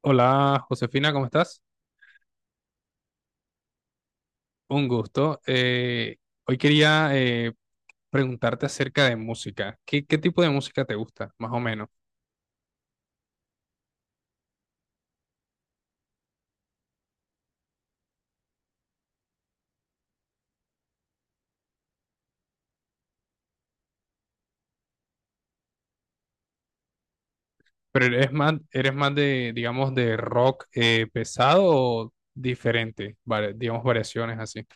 Hola Josefina, ¿cómo estás? Un gusto. Hoy quería preguntarte acerca de música. ¿Qué tipo de música te gusta, más o menos? ¿Eres más de, digamos, de rock pesado o diferente? Vale, digamos, variaciones así.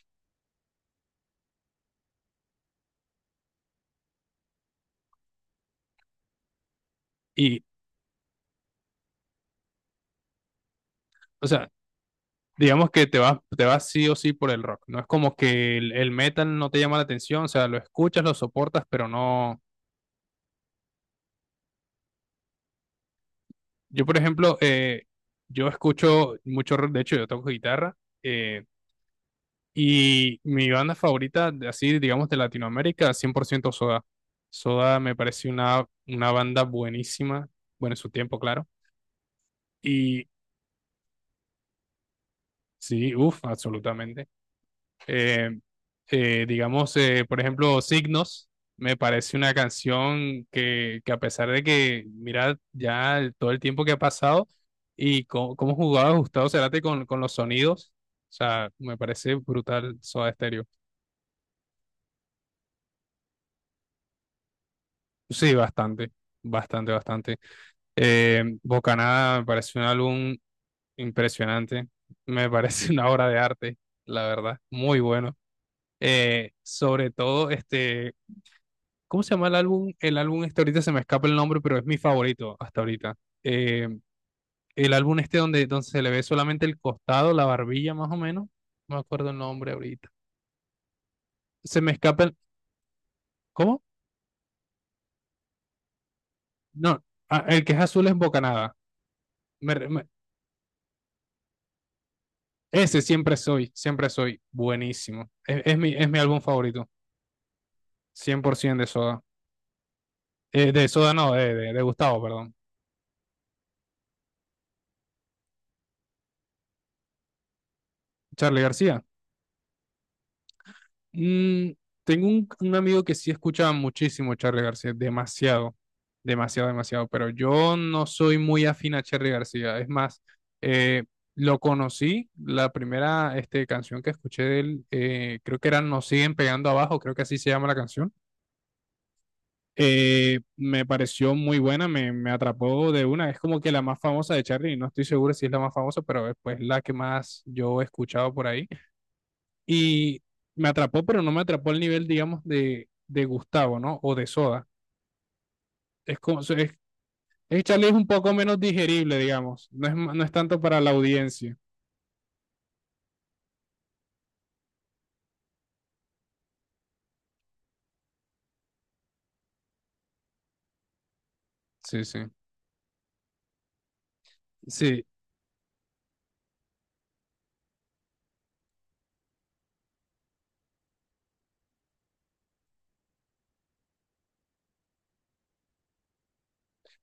Y, o sea, digamos que te vas sí o sí por el rock. No es como que el metal no te llama la atención, o sea, lo escuchas, lo soportas, pero no... Yo, por ejemplo, yo escucho mucho rock, de hecho, yo toco guitarra. eh, Y mi banda favorita, así digamos de Latinoamérica, 100% Soda. Soda me pareció una banda buenísima, bueno, en su tiempo, claro. Y sí, uff, absolutamente. Eh, digamos, por ejemplo, Signos, me parece una canción que a pesar de que, mira, todo el tiempo que ha pasado y cómo jugaba Gustavo Cerati con los sonidos, o sea, me parece brutal Soda Stereo. Sí, bastante. Bocanada me parece un álbum impresionante, me parece una obra de arte, la verdad, muy bueno. Sobre todo, este, ¿cómo se llama el álbum? El álbum este ahorita se me escapa el nombre, pero es mi favorito hasta ahorita. Eh, el álbum este donde, donde se le ve solamente el costado, la barbilla más o menos, no me acuerdo el nombre ahorita. Se me escapa el... ¿Cómo? No, ah, el que es azul es Bocanada. Me re- me- Ese buenísimo. Es mi álbum favorito. 100% de Soda. De Soda no, de Gustavo, perdón. Charlie García. Mm, Tengo un amigo que sí escuchaba muchísimo Charlie García, demasiado, pero yo no soy muy afín a Charlie García. Es más, eh, lo conocí, la primera este, canción que escuché de él, creo que era Nos siguen pegando abajo, creo que así se llama la canción. Me pareció muy buena, me atrapó de una. Es como que la más famosa de Charlie, no estoy seguro si es la más famosa, pero es pues la que más yo he escuchado por ahí. Y me atrapó, pero no me atrapó al nivel, digamos, de Gustavo, ¿no? O de Soda. Es como, so, es, Charlie es un poco menos digerible, digamos. No es, no es tanto para la audiencia. Sí, sí. Sí,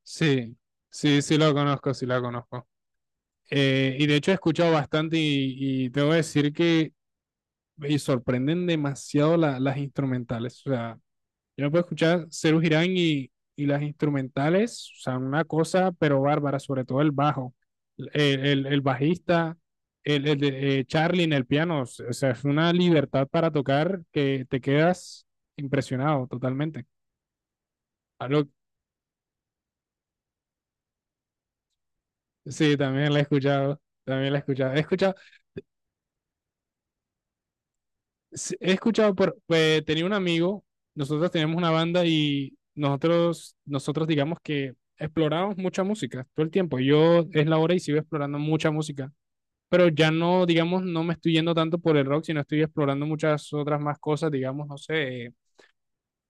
sí, sí lo conozco, sí la conozco. Y de hecho he escuchado bastante y tengo que decir que y sorprenden demasiado las instrumentales. O sea, yo me puedo escuchar Serú Girán y las instrumentales, o sea, una cosa, pero bárbara, sobre todo el bajo, el bajista, el de Charlie en el piano, o sea, es una libertad para tocar que te quedas impresionado totalmente. Algo, sí, también la he escuchado, también la he escuchado. He escuchado sí, he escuchado por, pues tenía un amigo, nosotros teníamos una banda y nosotros, digamos que explorábamos mucha música todo el tiempo. Yo es la hora y sigo explorando mucha música, pero ya no, digamos, no me estoy yendo tanto por el rock, sino estoy explorando muchas otras más cosas, digamos, no sé.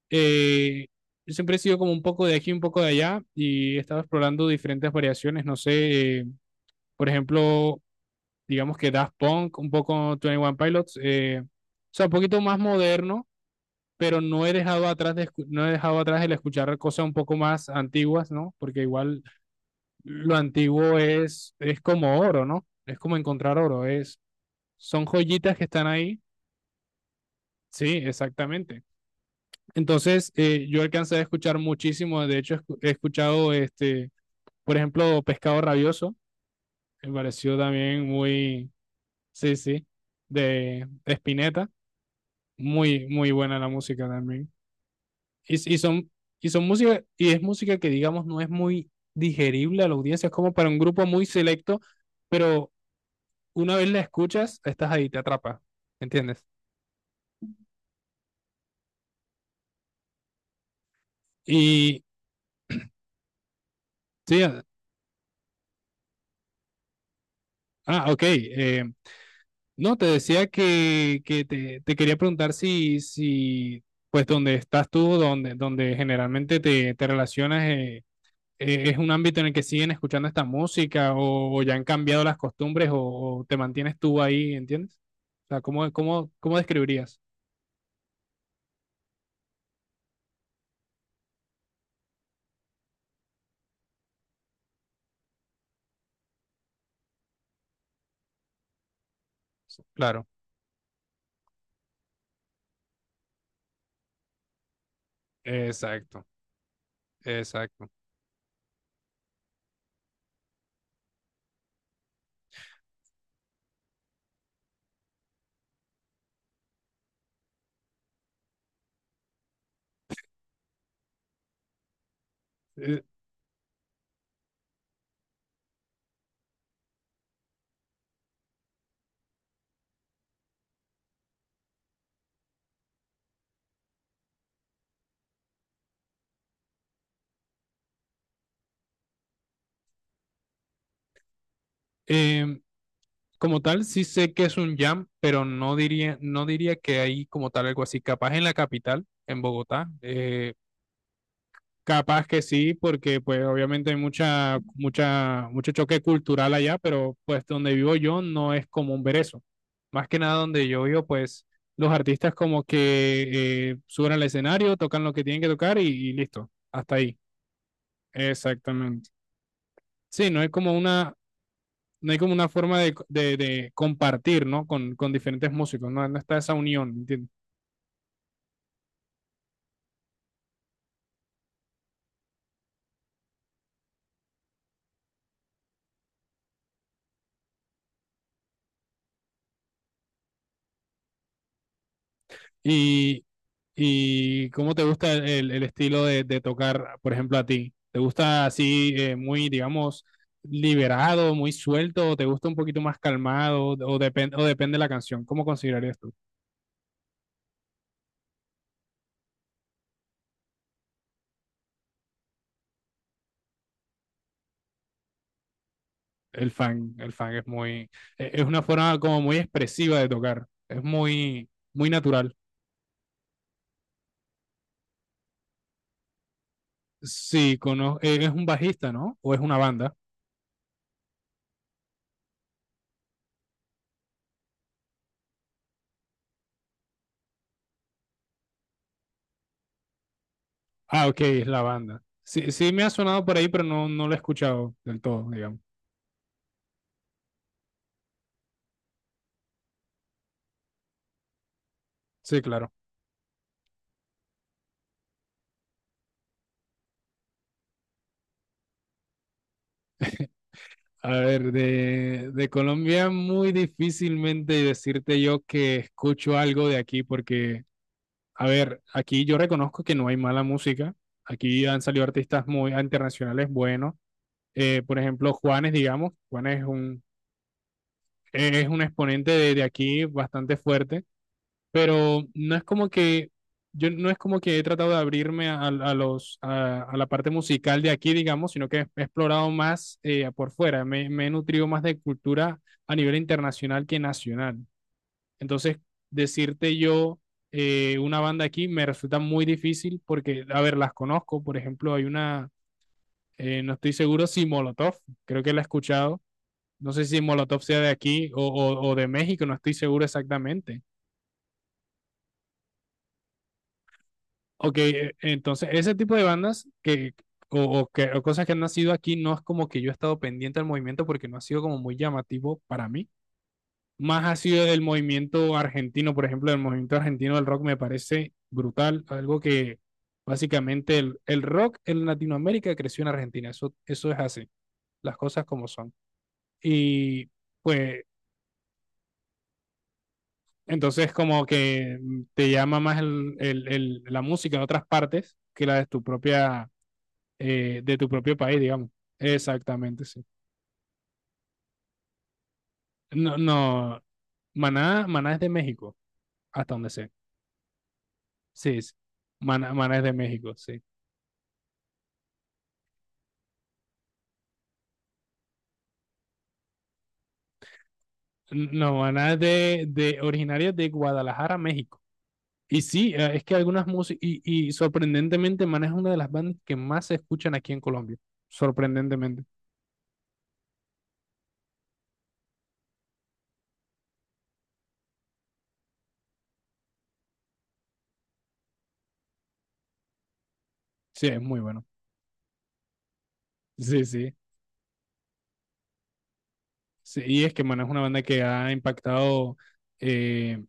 eh, yo siempre he sido como un poco de aquí, un poco de allá y he estado explorando diferentes variaciones, no sé, por ejemplo, digamos que Daft Punk, un poco Twenty One Pilots, o sea, un poquito más moderno, pero no he dejado atrás de, no he dejado atrás el escuchar cosas un poco más antiguas, ¿no? Porque igual lo antiguo es como oro, ¿no? Es como encontrar oro, es, son joyitas que están ahí. Sí, exactamente. Entonces, yo alcancé a escuchar muchísimo, de hecho, he escuchado, este, por ejemplo, Pescado Rabioso, me pareció también muy, sí, sí, de Spinetta, muy, muy buena la música también. y, y son, y son música, y es música que digamos no es muy digerible a la audiencia, es como para un grupo muy selecto, pero una vez la escuchas, estás ahí, te atrapa, ¿entiendes? Y sí, ah, ah, ok. No, te decía que te, te quería preguntar si, si, pues, donde estás tú, donde, donde generalmente te, te relacionas, es un ámbito en el que siguen escuchando esta música o ya han cambiado las costumbres o, te mantienes tú ahí, ¿entiendes? O sea, ¿cómo describirías? Claro, exacto, exacto. Eh, eh, Como tal, sí sé que es un jam, pero no diría que hay como tal algo así. Capaz en la capital, en Bogotá, capaz que sí, porque pues obviamente hay mucha, mucho choque cultural allá, pero pues donde vivo yo no es común ver eso. Más que nada donde yo vivo, pues los artistas como que suben al escenario, tocan lo que tienen que tocar y listo, hasta ahí. Exactamente. Sí, no hay como una, no hay como una forma de compartir, ¿no? Con diferentes músicos, ¿no? No está esa unión, ¿entiendes? ¿Y, y cómo te gusta el estilo de tocar, por ejemplo, a ti? ¿Te gusta así muy, digamos, liberado, muy suelto, o te gusta un poquito más calmado, o depende de la canción? ¿Cómo considerarías tú? El fan es muy, es una forma como muy expresiva de tocar, es muy, muy natural. Sí, ¿es un bajista, no? ¿O es una banda? Ah, ok, es la banda. Sí, sí me ha sonado por ahí, pero no, no lo he escuchado del todo, digamos. Sí, claro. A ver, de Colombia muy difícilmente decirte yo que escucho algo de aquí porque, a ver, aquí yo reconozco que no hay mala música. Aquí han salido artistas muy internacionales buenos. Por ejemplo, Juanes, digamos. Juanes es un exponente de aquí bastante fuerte, pero no es como que yo no es como que he tratado de abrirme a los a la parte musical de aquí, digamos, sino que he explorado más por fuera, me he nutrido más de cultura a nivel internacional que nacional. Entonces, decirte yo una banda aquí me resulta muy difícil porque, a ver, las conozco, por ejemplo, hay una, no estoy seguro si Molotov, creo que la he escuchado, no sé si Molotov sea de aquí o de México, no estoy seguro exactamente. Ok, entonces ese tipo de bandas que, o que, o cosas que han nacido aquí no es como que yo he estado pendiente del movimiento porque no ha sido como muy llamativo para mí. Más ha sido del movimiento argentino, por ejemplo, el movimiento argentino del rock me parece brutal, algo que básicamente el rock en Latinoamérica creció en Argentina, eso es así, las cosas como son. Y pues entonces como que mm, te llama más la música de otras partes que la de tu propia de tu propio país, digamos. Exactamente, sí. No, no, Maná es de México, hasta donde sé. Sí, sí. Maná es de México, sí. No, Maná es de originaria de Guadalajara, México. Y sí, es que algunas músicas, y sorprendentemente Maná es una de las bandas que más se escuchan aquí en Colombia. Sorprendentemente. Sí, es muy bueno. Sí, sí. Sí, y es que Maná es una banda que ha impactado eh,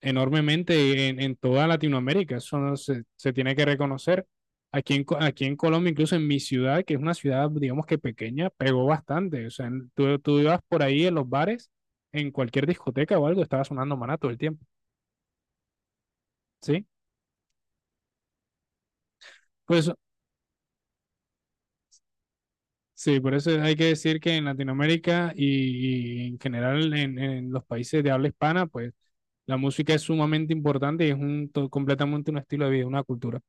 enormemente en toda Latinoamérica. Eso no se, se tiene que reconocer. Aquí en, aquí en Colombia, incluso en mi ciudad, que es una ciudad, digamos que pequeña, pegó bastante. O sea, tú, tú ibas por ahí en los bares, en cualquier discoteca o algo, estaba sonando maná todo el tiempo, ¿sí? Pues sí, por eso hay que decir que en Latinoamérica y en general en los países de habla hispana, pues la música es sumamente importante y es un, completamente un estilo de vida, una cultura.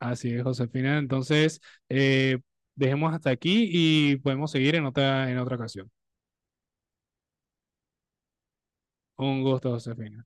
Así es, Josefina. Entonces, eh, dejemos hasta aquí y podemos seguir en otra ocasión. Un gusto, Josefina.